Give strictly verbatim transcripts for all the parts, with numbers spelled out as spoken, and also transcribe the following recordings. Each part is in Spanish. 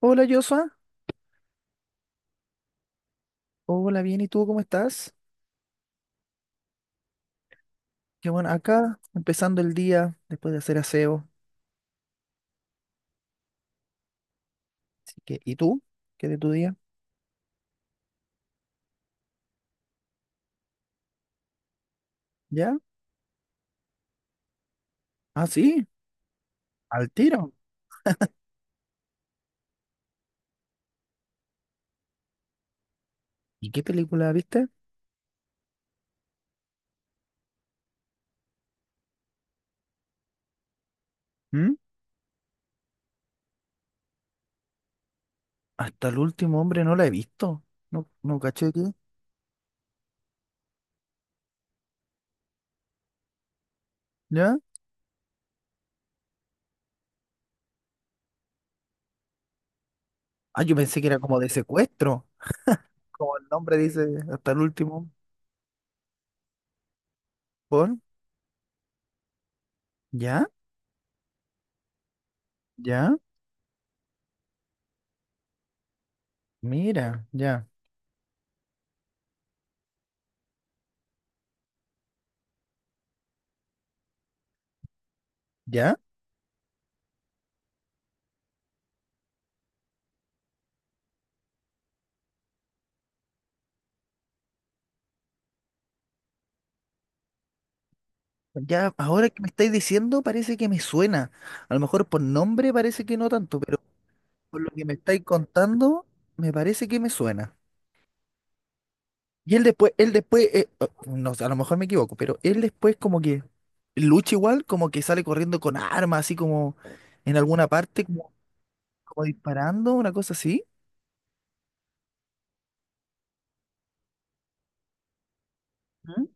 Hola Joshua, hola bien, ¿y tú cómo estás? Qué bueno, acá empezando el día después de hacer aseo. Así que, ¿y tú? ¿Qué de tu día? ¿Ya? Ah, sí, al tiro. ¿Y qué película viste? ¿Mm? Hasta el último hombre no la he visto. No, no caché qué. ¿Ya? Ah, yo pensé que era como de secuestro. Como el nombre dice, hasta el último. ¿Por? ¿Ya? ¿Ya? Mira, ya, ya. Ya, ahora que me estáis diciendo, parece que me suena. A lo mejor por nombre parece que no tanto, pero por lo que me estáis contando, me parece que me suena. Y él después, él después, eh, oh, no sé, a lo mejor me equivoco, pero él después como que lucha igual, como que sale corriendo con armas, así como en alguna parte, como, como disparando, una cosa así. ¿Mm?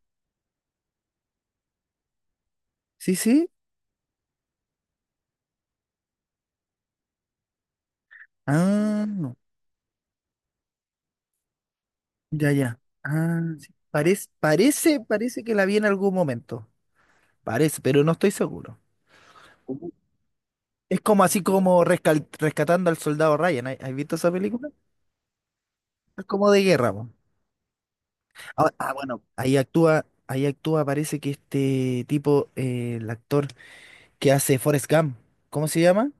Sí, sí. Ah, no. Ya, ya. Ah, sí. Parece, parece, parece que la vi en algún momento. Parece, pero no estoy seguro. Ujú. Es como así como rescal- rescatando al soldado Ryan. ¿Has has visto esa película? Es como de guerra, po. Ah, ah, bueno, ahí actúa, ahí actúa, parece que este tipo, eh, el actor que hace Forrest Gump, ¿cómo se llama?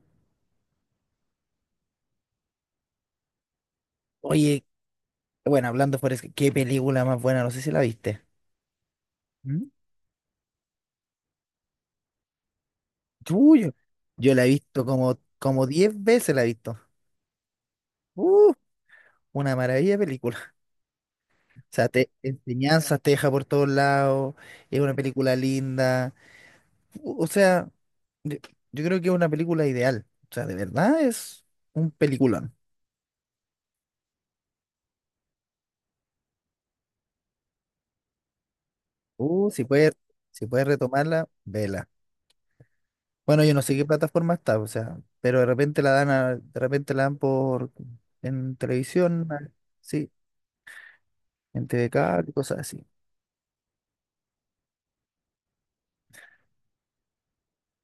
Oye, bueno, hablando de Forrest Gump, qué película más buena, no sé si la viste. ¿Mm? Uy, yo yo la he visto como, como diez veces la he visto. Uh, una maravilla de película. O sea, te enseñanzas te deja por todos lados, es una película linda. O o sea, yo yo creo que es una película ideal. O sea, de verdad es un peliculón. Uh, si puedes, si puedes retomarla, vela. Bueno, yo no sé qué plataforma está, o sea, pero de repente la dan a- de repente la dan por en televisión, ah, sí, en T V K y cosas así.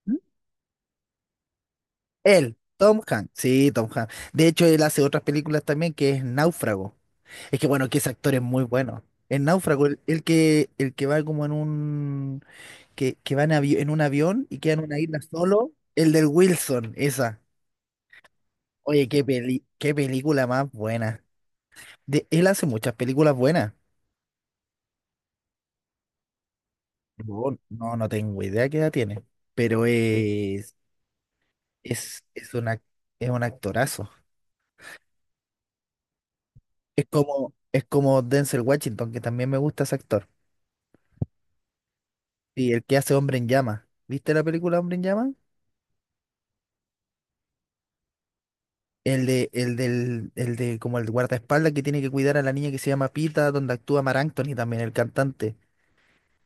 ¿Mm? Él, Tom Hanks, sí, Tom Hanks. De hecho, él hace otras películas también que es Náufrago. Es que bueno, que ese actor es muy bueno. En Náufrago, el, el que el que va como en un que, que va en, avi- en un avión y queda en una isla solo, el del Wilson, esa. Oye, qué peli, qué película más buena. De, él hace muchas películas buenas. No, No, no tengo idea qué edad tiene, pero es, es, es, una, es un actorazo. Es como, es como Denzel Washington, que también me gusta ese actor. Y el que hace Hombre en Llama. ¿Viste la película Hombre en Llama? El de, el del, el de como el guardaespaldas que tiene que cuidar a la niña que se llama Pita, donde actúa Marc Anthony también, el cantante,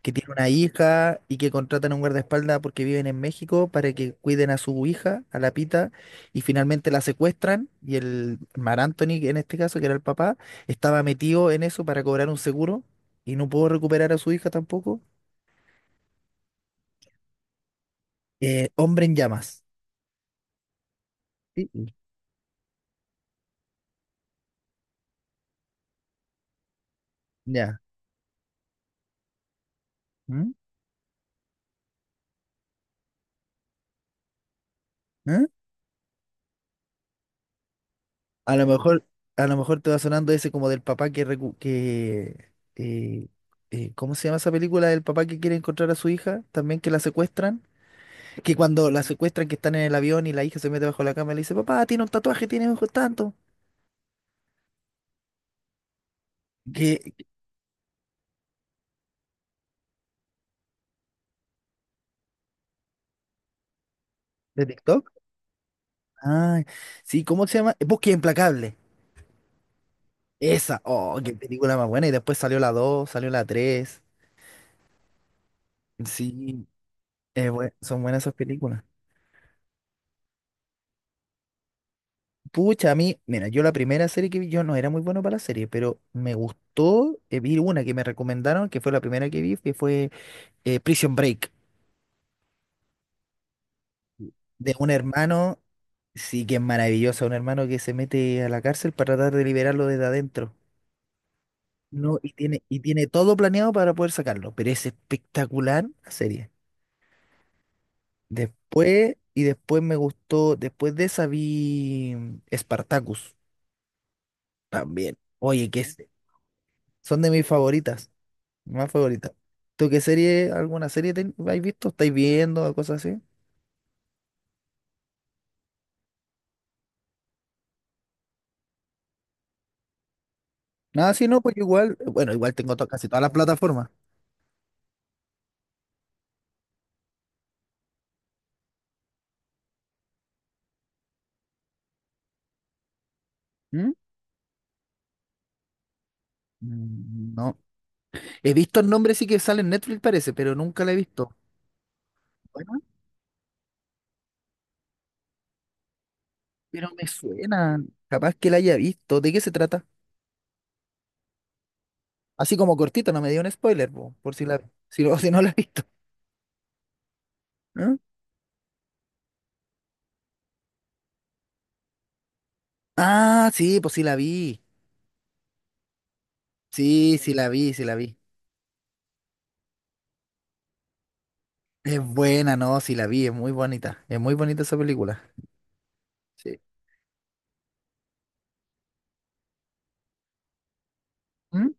que tiene una hija y que contratan a un guardaespaldas porque viven en México para que cuiden a su hija, a la Pita, y finalmente la secuestran y el Mar Anthony, en este caso, que era el papá, estaba metido en eso para cobrar un seguro y no pudo recuperar a su hija tampoco. Eh, Hombre en llamas. Sí, ya. ¿Mm? ¿Mm? A lo mejor, a lo mejor te va sonando ese como del papá que, recu- que eh, eh, ¿cómo se llama esa película? Del papá que quiere encontrar a su hija, también que la secuestran. Que cuando la secuestran, que están en el avión y la hija se mete bajo la cama y le dice, papá, tiene un tatuaje, tiene ojos tanto. ¿Qué? ¿De TikTok? Ah, sí, ¿cómo se llama? Búsqueda Implacable. Esa, oh, qué película más buena. Y después salió la dos salió la tres. Sí, es bue- son buenas esas películas. Pucha, a mí, mira, yo la primera serie que vi, yo no era muy bueno para la serie, pero me gustó, eh, vi una que me recomendaron, que fue la primera que vi, que fue eh, Prison Break. De un hermano, sí que es maravilloso, un hermano que se mete a la cárcel para tratar de liberarlo desde adentro. No, y tiene, y tiene todo planeado para poder sacarlo, pero es espectacular la serie. Después, y después me gustó, después de esa vi Spartacus también. Oye, que es- son de mis favoritas, más favoritas. ¿Tú qué serie, alguna serie ten- habéis visto? ¿Estáis viendo o cosas así? Nada, si no, pues igual, bueno, igual tengo to- casi todas las plataformas. ¿Mm? Mm, no. He visto el nombre sí que sale en Netflix parece, pero nunca la he visto. Bueno, pero me suena. Capaz que la haya visto. ¿De qué se trata? Así como cortito, no me dio un spoiler, po, por si la, si, no- si no la he visto. ¿Eh? Ah, sí, pues sí la vi. Sí, sí la vi, sí la vi. Es buena, no, sí la vi, es muy bonita. Es muy bonita esa película. Sí. ¿Mm?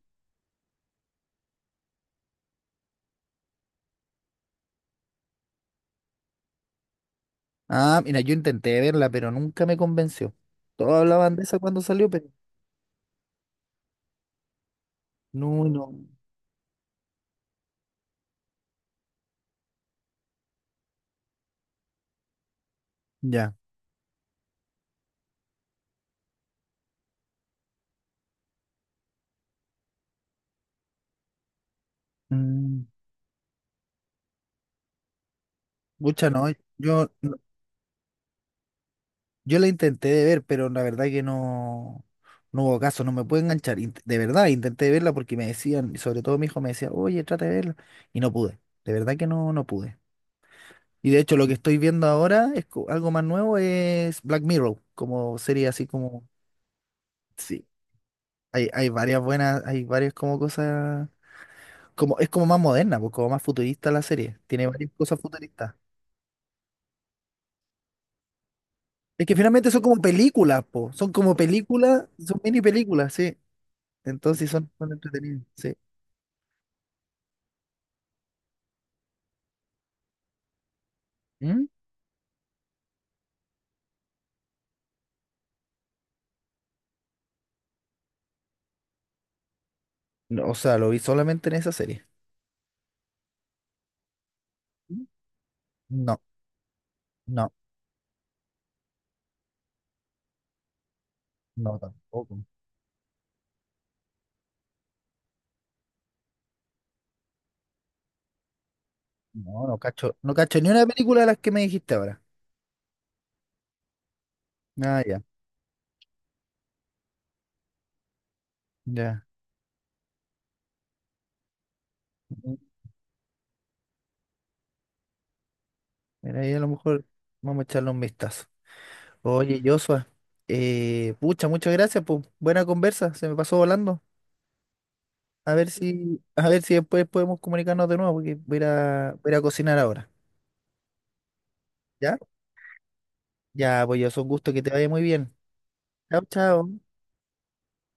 Ah, mira, yo intenté verla, pero nunca me convenció. Todos hablaban de esa cuando salió, pero no, no. Ya. Mm, pucha, no. Yo Yo la intenté de ver, pero la verdad que no, no hubo caso, no me pude enganchar. Int- De verdad, intenté verla porque me decían, y sobre todo mi hijo me decía, oye, trata de verla. Y no pude. De verdad que no, no pude. Y de hecho, lo que estoy viendo ahora es co- algo más nuevo, es Black Mirror, como serie así como. Sí. Hay, hay varias buenas, hay varias como cosas. Como, es como más moderna, pues, como más futurista la serie. Tiene varias cosas futuristas. Es que finalmente son como películas, po. Son como películas, son mini películas, sí. Entonces son, son entretenidas, sí. ¿Mm? No, o sea, lo vi solamente en esa serie. ¿Mm? No, no, no tampoco. No, no cacho, no cacho ni una película de las que me dijiste ahora. Ah, ya, ya. Ujú. Mira, ahí a lo mejor vamos a echarle un vistazo. Oye, Joshua, eh, pucha, muchas gracias, pues. Buena conversa, se me pasó volando. A ver si, a ver si después podemos comunicarnos de nuevo, porque voy a, ir a voy a ir a cocinar ahora. ¿Ya? Ya, pues yo, es un gusto que te vaya muy bien. Chao, chao.